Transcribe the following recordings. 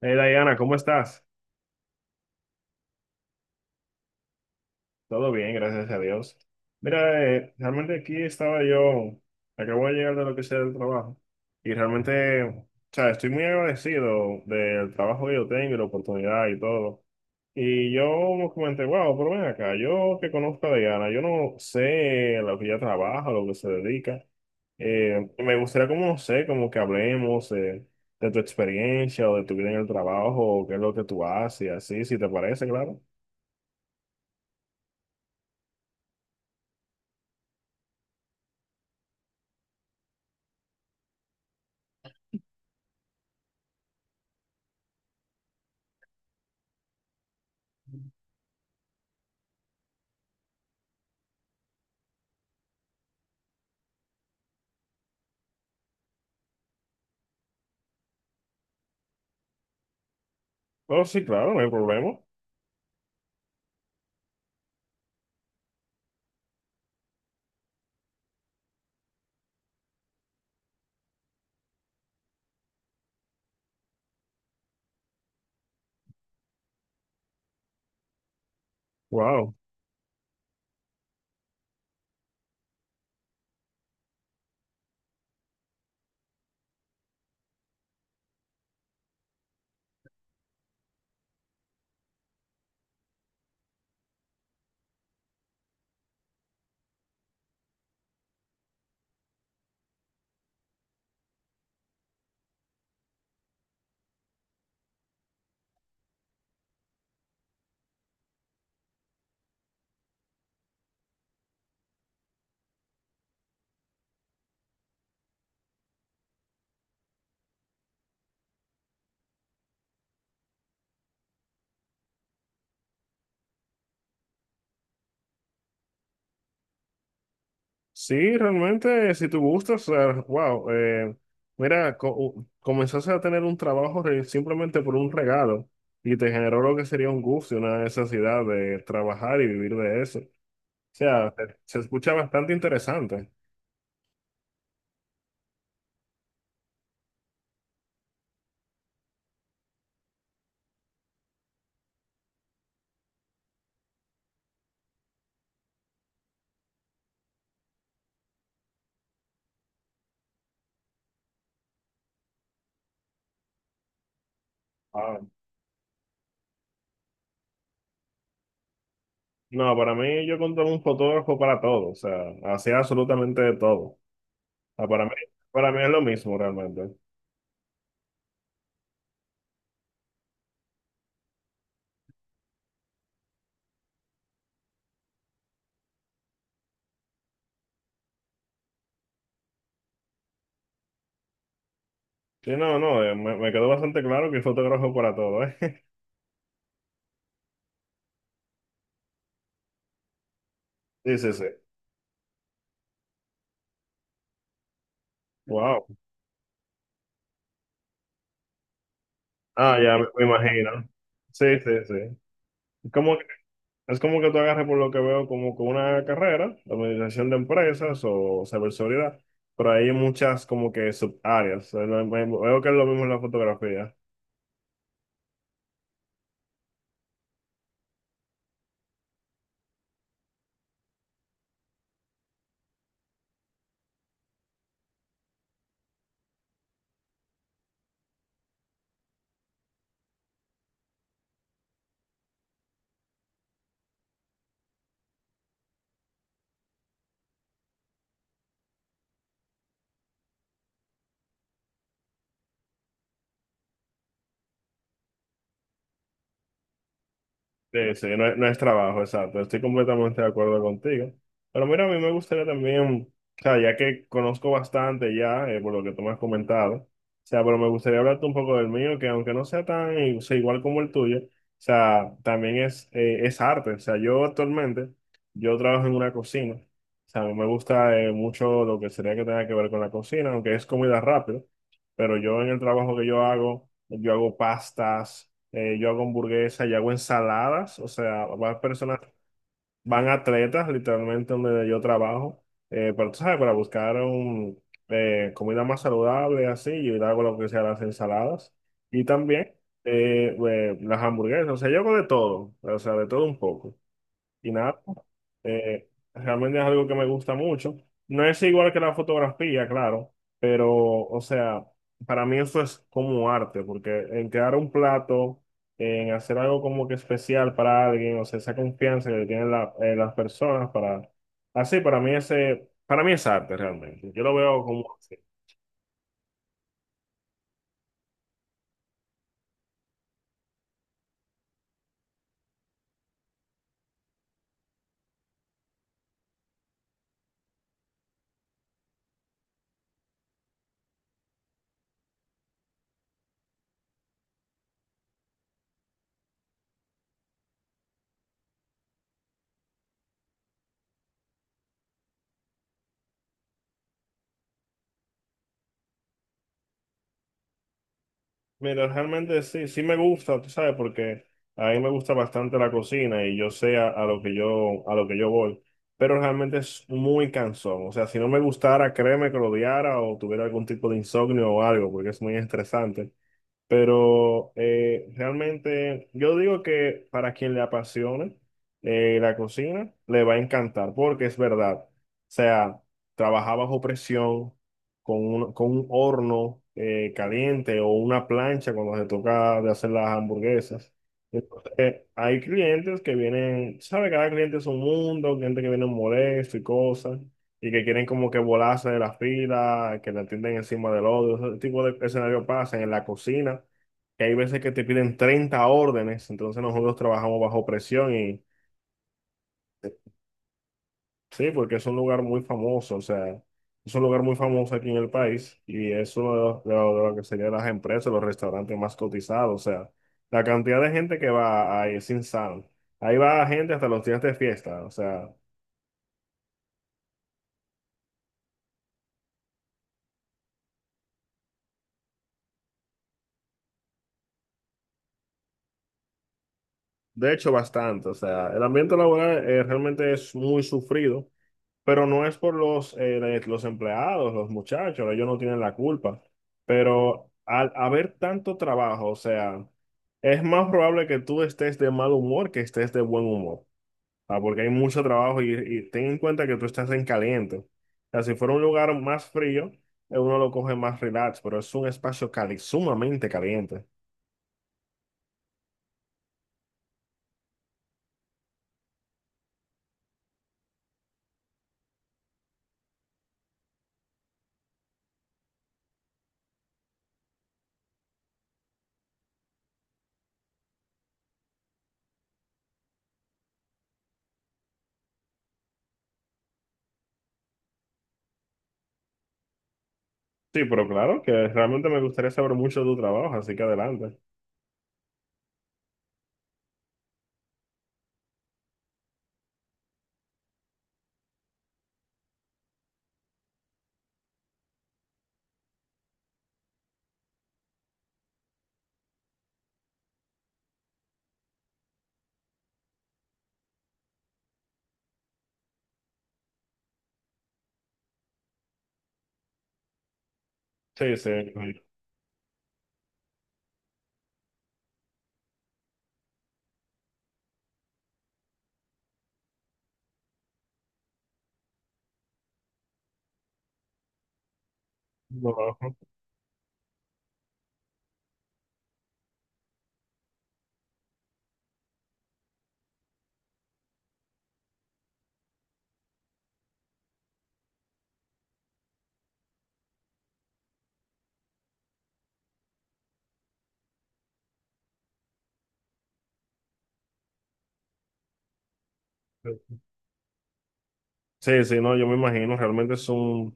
Hey Diana, ¿cómo estás? Todo bien, gracias a Dios. Mira, realmente aquí estaba yo, acabo de llegar de lo que sea del trabajo y realmente, o sea, estoy muy agradecido del trabajo que yo tengo y la oportunidad y todo. Y yo me comenté, wow, pero ven acá, yo que conozco a Diana, yo no sé lo que ella trabaja, lo que se dedica. Me gustaría como, no sé, como que hablemos de tu experiencia o de tu vida en el trabajo o qué es lo que tú haces, así, si te parece, claro. Oh, sí, claro, no hay problema. Wow. Sí, realmente, si tú gustas, o sea, wow, mira, comenzaste a tener un trabajo simplemente por un regalo y te generó lo que sería un gusto y una necesidad de trabajar y vivir de eso. O sea, se escucha bastante interesante. Ah, no, para mí yo contraté un fotógrafo para todo, o sea, hacía absolutamente de todo. Ah, para mí es lo mismo realmente. Sí, no, no, me quedó bastante claro que es fotógrafo para todo, ¿eh? Sí, sí, sí. Wow. Ah, me imagino. Sí, sí, sí. Es como, que- es como que tú agarres por lo que veo como con una carrera, administración de empresas o ciberseguridad, pero hay muchas como que subáreas. O sea, veo que es lo mismo en la fotografía. Sí, sí, no es, no es trabajo, exacto. Estoy completamente de acuerdo contigo. Pero mira, a mí me gustaría también, o sea, ya que conozco bastante ya, por lo que tú me has comentado, o sea, pero me gustaría hablarte un poco del mío, que aunque no sea tan, o sea, igual como el tuyo, o sea, también es arte. O sea, yo actualmente, yo trabajo en una cocina. O sea, a mí me gusta mucho lo que sería que tenga que ver con la cocina, aunque es comida rápida, pero yo en el trabajo que yo hago pastas, yo hago hamburguesas, yo hago ensaladas, o sea, van personas, van atletas literalmente donde yo trabajo, pero tú sabes, para buscar comida más saludable, así, yo hago lo que sea las ensaladas y también las hamburguesas, o sea, yo hago de todo, o sea, de todo un poco. Y nada, realmente es algo que me gusta mucho. No es igual que la fotografía, claro, pero, o sea, para mí eso es como arte, porque en crear un plato, en hacer algo como que especial para alguien, o sea, esa confianza que tienen las personas para... Así, para mí es arte realmente. Yo lo veo como así. Mira, realmente sí, sí me gusta, tú sabes, porque a mí me gusta bastante la cocina y yo sé a lo que yo, a lo que yo voy, pero realmente es muy cansón. O sea, si no me gustara, créeme que lo odiara o tuviera algún tipo de insomnio o algo, porque es muy estresante. Pero realmente yo digo que para quien le apasione la cocina, le va a encantar, porque es verdad. O sea, trabajar bajo presión, con con un horno caliente o una plancha cuando se toca de hacer las hamburguesas. Entonces, hay clientes que vienen, sabe, cada cliente es un mundo, gente que viene molesto y cosas y que quieren como que volarse de la fila, que te atienden encima del otro. Ese tipo de escenario pasa en la cocina, que hay veces que te piden 30 órdenes, entonces nosotros trabajamos bajo presión y sí, porque es un lugar muy famoso, o sea, es un lugar muy famoso aquí en el país y es uno de lo que serían las empresas, los restaurantes más cotizados, o sea, la cantidad de gente que va ahí es insano. Ahí va gente hasta los días de fiesta, o sea, de hecho bastante, o sea, el ambiente laboral realmente es muy sufrido. Pero no es por los empleados, los muchachos, ellos no tienen la culpa. Pero al haber tanto trabajo, o sea, es más probable que tú estés de mal humor que estés de buen humor. Porque hay mucho trabajo y ten en cuenta que tú estás en caliente. O sea, si fuera un lugar más frío, uno lo coge más relax, pero es un espacio cali sumamente caliente. Sí, pero claro que realmente me gustaría saber mucho de tu trabajo, así que adelante. Sí, sí. Trabajo. Sí, sí, no, yo me imagino, realmente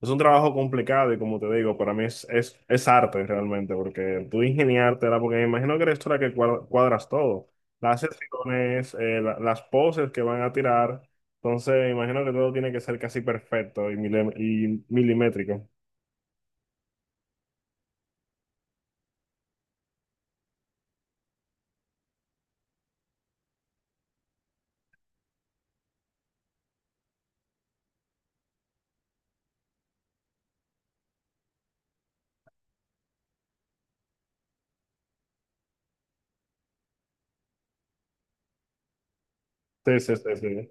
es un trabajo complicado y como te digo, para mí es arte realmente, porque tú ingeniártela, porque me imagino que eres tú la que cuadras todo, las sesiones, las poses que van a tirar, entonces me imagino que todo tiene que ser casi perfecto y, y milimétrico. Sí, sí, sí, sí.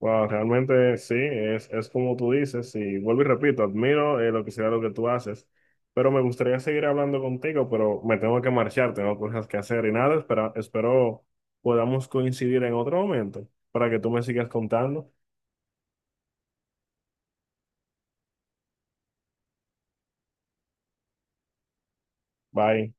Wow, realmente sí, es como tú dices, y vuelvo y repito, admiro lo que sea lo que tú haces, pero me gustaría seguir hablando contigo, pero me tengo que marchar, tengo cosas que hacer y nada, espera, espero podamos coincidir en otro momento para que tú me sigas contando. Bye.